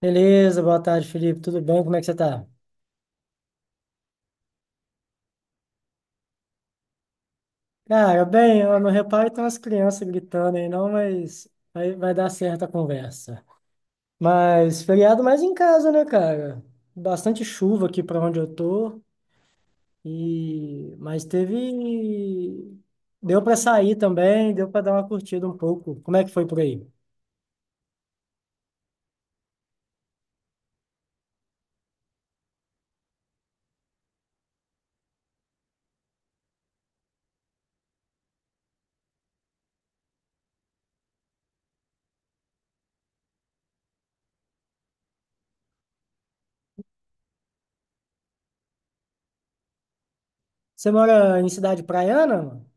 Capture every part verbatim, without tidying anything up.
Beleza, boa tarde, Felipe. Tudo bem? Como é que você tá? Cara, bem, eu não reparo tem umas crianças gritando aí, não, mas vai, vai dar certo a conversa. Mas feriado mais em casa, né, cara? Bastante chuva aqui pra onde eu tô e mas teve deu pra sair também, deu pra dar uma curtida um pouco. Como é que foi por aí? Você mora em cidade praiana, mano?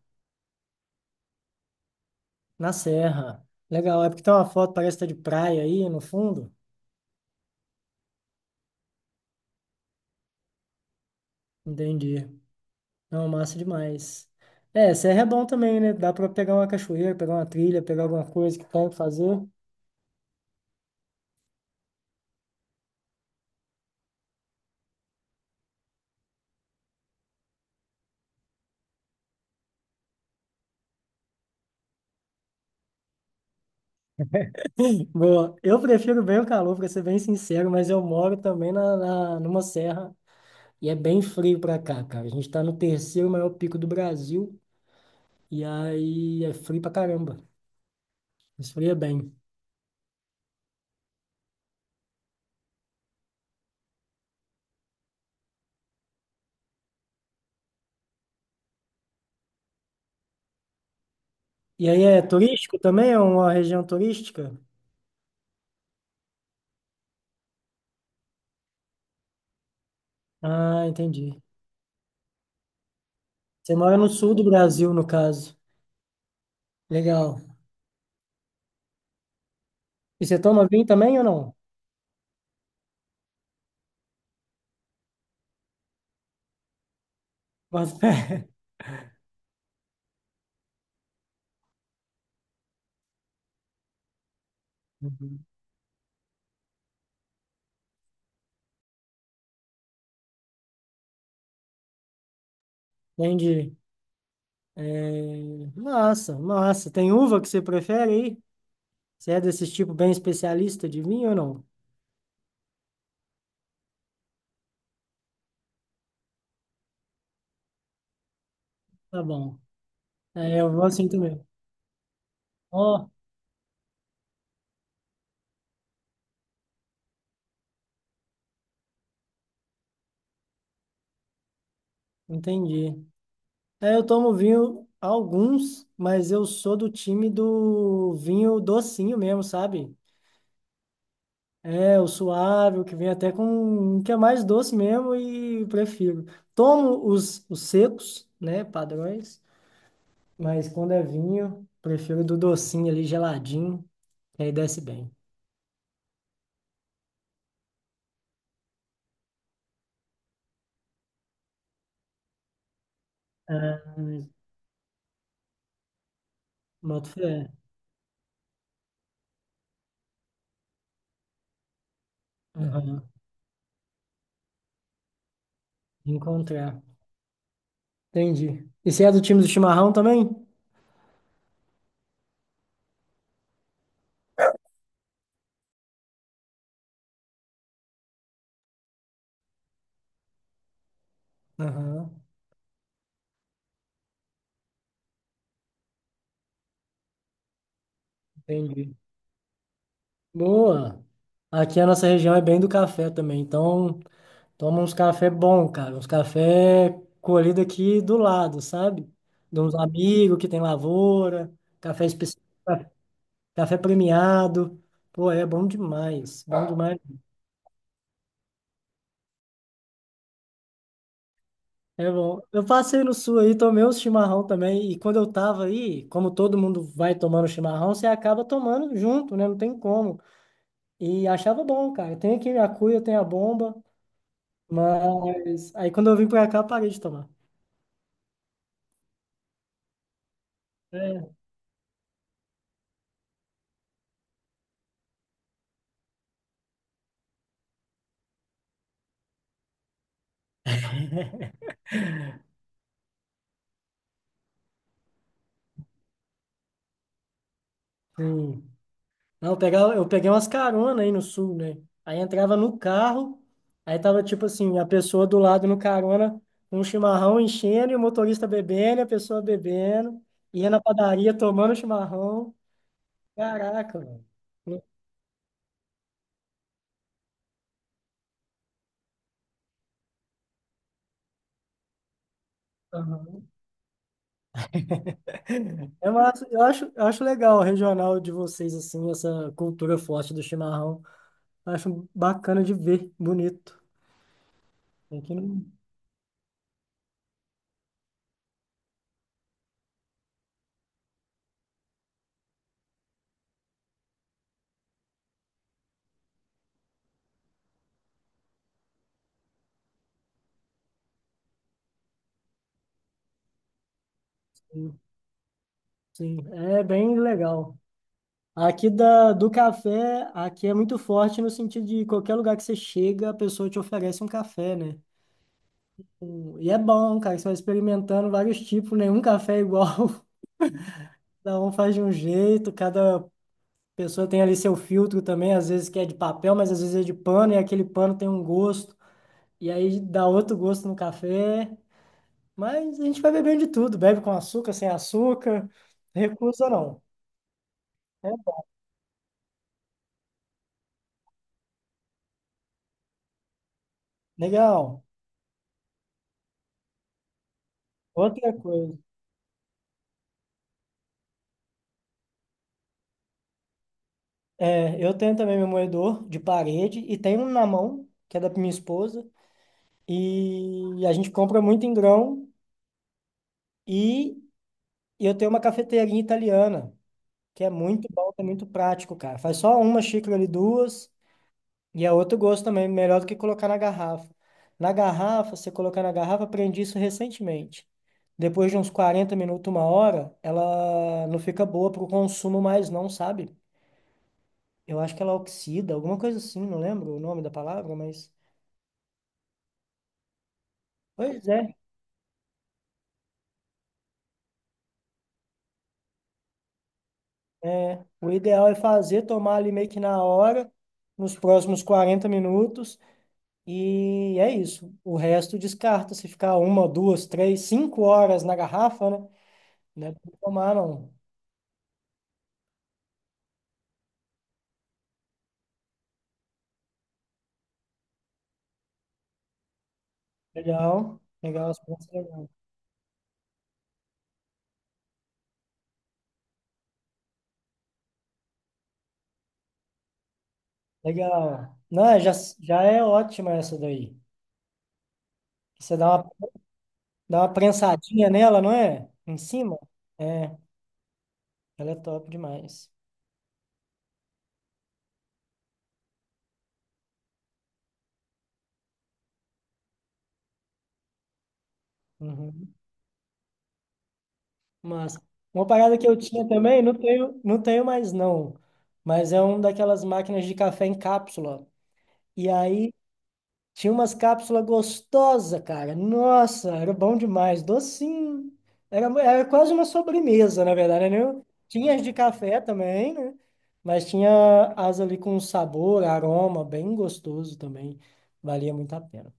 Na Serra. Legal, é porque tem uma foto, parece que tá de praia aí no fundo. Entendi. Não, massa demais. É, serra é bom também, né? Dá pra pegar uma cachoeira, pegar uma trilha, pegar alguma coisa que tem que fazer. Boa, eu prefiro bem o calor, pra ser bem sincero, mas eu moro também na, na- numa serra e é bem frio pra cá, cara. A gente tá no terceiro maior pico do Brasil e aí é frio pra caramba. Esfria bem. E aí é turístico também? É uma região turística? Ah, entendi. Você mora no sul do Brasil, no caso. Legal. E você toma vinho também ou não? Bota. Entendi. É, massa, massa. Tem uva que você prefere aí? Você é desses tipo bem especialista de vinho ou não? Tá bom. É, eu vou assim também. Ó, entendi. É, eu tomo vinho alguns, mas eu sou do time do vinho docinho mesmo, sabe? É, o suave, o que vem até com, que é mais doce mesmo e prefiro. Tomo os, os secos, né, padrões, mas quando é vinho, prefiro do docinho ali, geladinho. E aí desce bem. Ah, boto fé. Aham. Encontrar. Entendi. E você é do time do chimarrão também? Aham, entendi. Boa. Aqui a nossa região é bem do café também, então toma uns café bom, cara, uns café colhido aqui do lado, sabe? De uns amigos que tem lavoura, café especial, café premiado. Pô, é bom demais, bom demais. É bom. Eu passei no sul aí, tomei uns chimarrão também. E quando eu tava aí, como todo mundo vai tomando chimarrão, você acaba tomando junto, né? Não tem como. E achava bom, cara. Tem aqui a cuia, tem a bomba, mas aí quando eu vim pra cá, eu parei de tomar. É, sim. Não, eu pegava, eu peguei umas caronas aí no sul, né? Aí entrava no carro, aí tava tipo assim, a pessoa do lado no carona, um chimarrão enchendo e o motorista bebendo, e a pessoa bebendo, ia na padaria tomando chimarrão. Caraca, mano. Aham. É massa. Eu acho, eu acho legal o regional de vocês, assim, essa cultura forte do chimarrão. Acho bacana de ver, bonito. Aqui não. Sim, é bem legal. Aqui da, do café, aqui é muito forte no sentido de qualquer lugar que você chega, a pessoa te oferece um café, né? E é bom, cara, que você vai experimentando vários tipos, nenhum café é igual. Cada um faz de um jeito, cada a pessoa tem ali seu filtro também, às vezes que é de papel, mas às vezes é de pano, e aquele pano tem um gosto, e aí dá outro gosto no café. Mas a gente vai bebendo de tudo, bebe com açúcar, sem açúcar, recusa não. É, legal. Outra coisa, é, eu tenho também meu moedor de parede e tenho um na mão, que é da minha esposa, e a gente compra muito em grão e eu tenho uma cafeteirinha italiana, que é muito bom, é muito prático, cara. Faz só uma xícara ali, duas. E é outro gosto também, melhor do que colocar na garrafa. Na garrafa, você colocar na garrafa, aprendi isso recentemente. Depois de uns quarenta minutos, uma hora, ela não fica boa para o consumo mais não, sabe? Eu acho que ela oxida, alguma coisa assim, não lembro o nome da palavra, mas... Pois é, é, o ideal é fazer, tomar ali meio que na hora, nos próximos quarenta minutos, e é isso. O resto descarta, se ficar uma, duas, três, cinco horas na garrafa, né? Não é pra tomar, não. Legal, legal, essa conversa é legal. Legal. Não, é, já, já é ótima essa daí. Você dá uma, dá uma prensadinha nela, não é? Em cima? É, ela é top demais. Uhum. Mas uma parada que eu tinha também, não tenho, não tenho mais não, mas é uma daquelas máquinas de café em cápsula. E aí tinha umas cápsulas gostosas, cara. Nossa, era bom demais. Docinho. Era, era quase uma sobremesa, na verdade, né? Tinha as de café também, né? Mas tinha as ali com sabor, aroma, bem gostoso também. Valia muito a pena.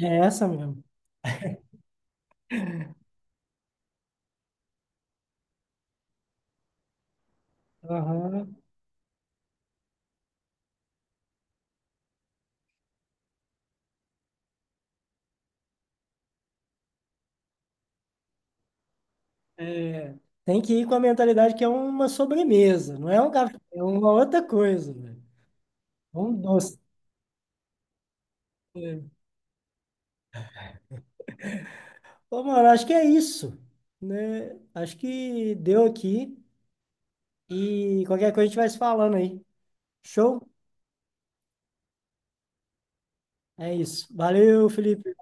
É essa mesmo. Aham. É, tem que ir com a mentalidade que é uma sobremesa, não é um café, é uma outra coisa, velho. É um doce. É. Ô, mano, acho que é isso, né? Acho que deu aqui. E qualquer coisa a gente vai se falando aí. Show? É isso. Valeu, Felipe.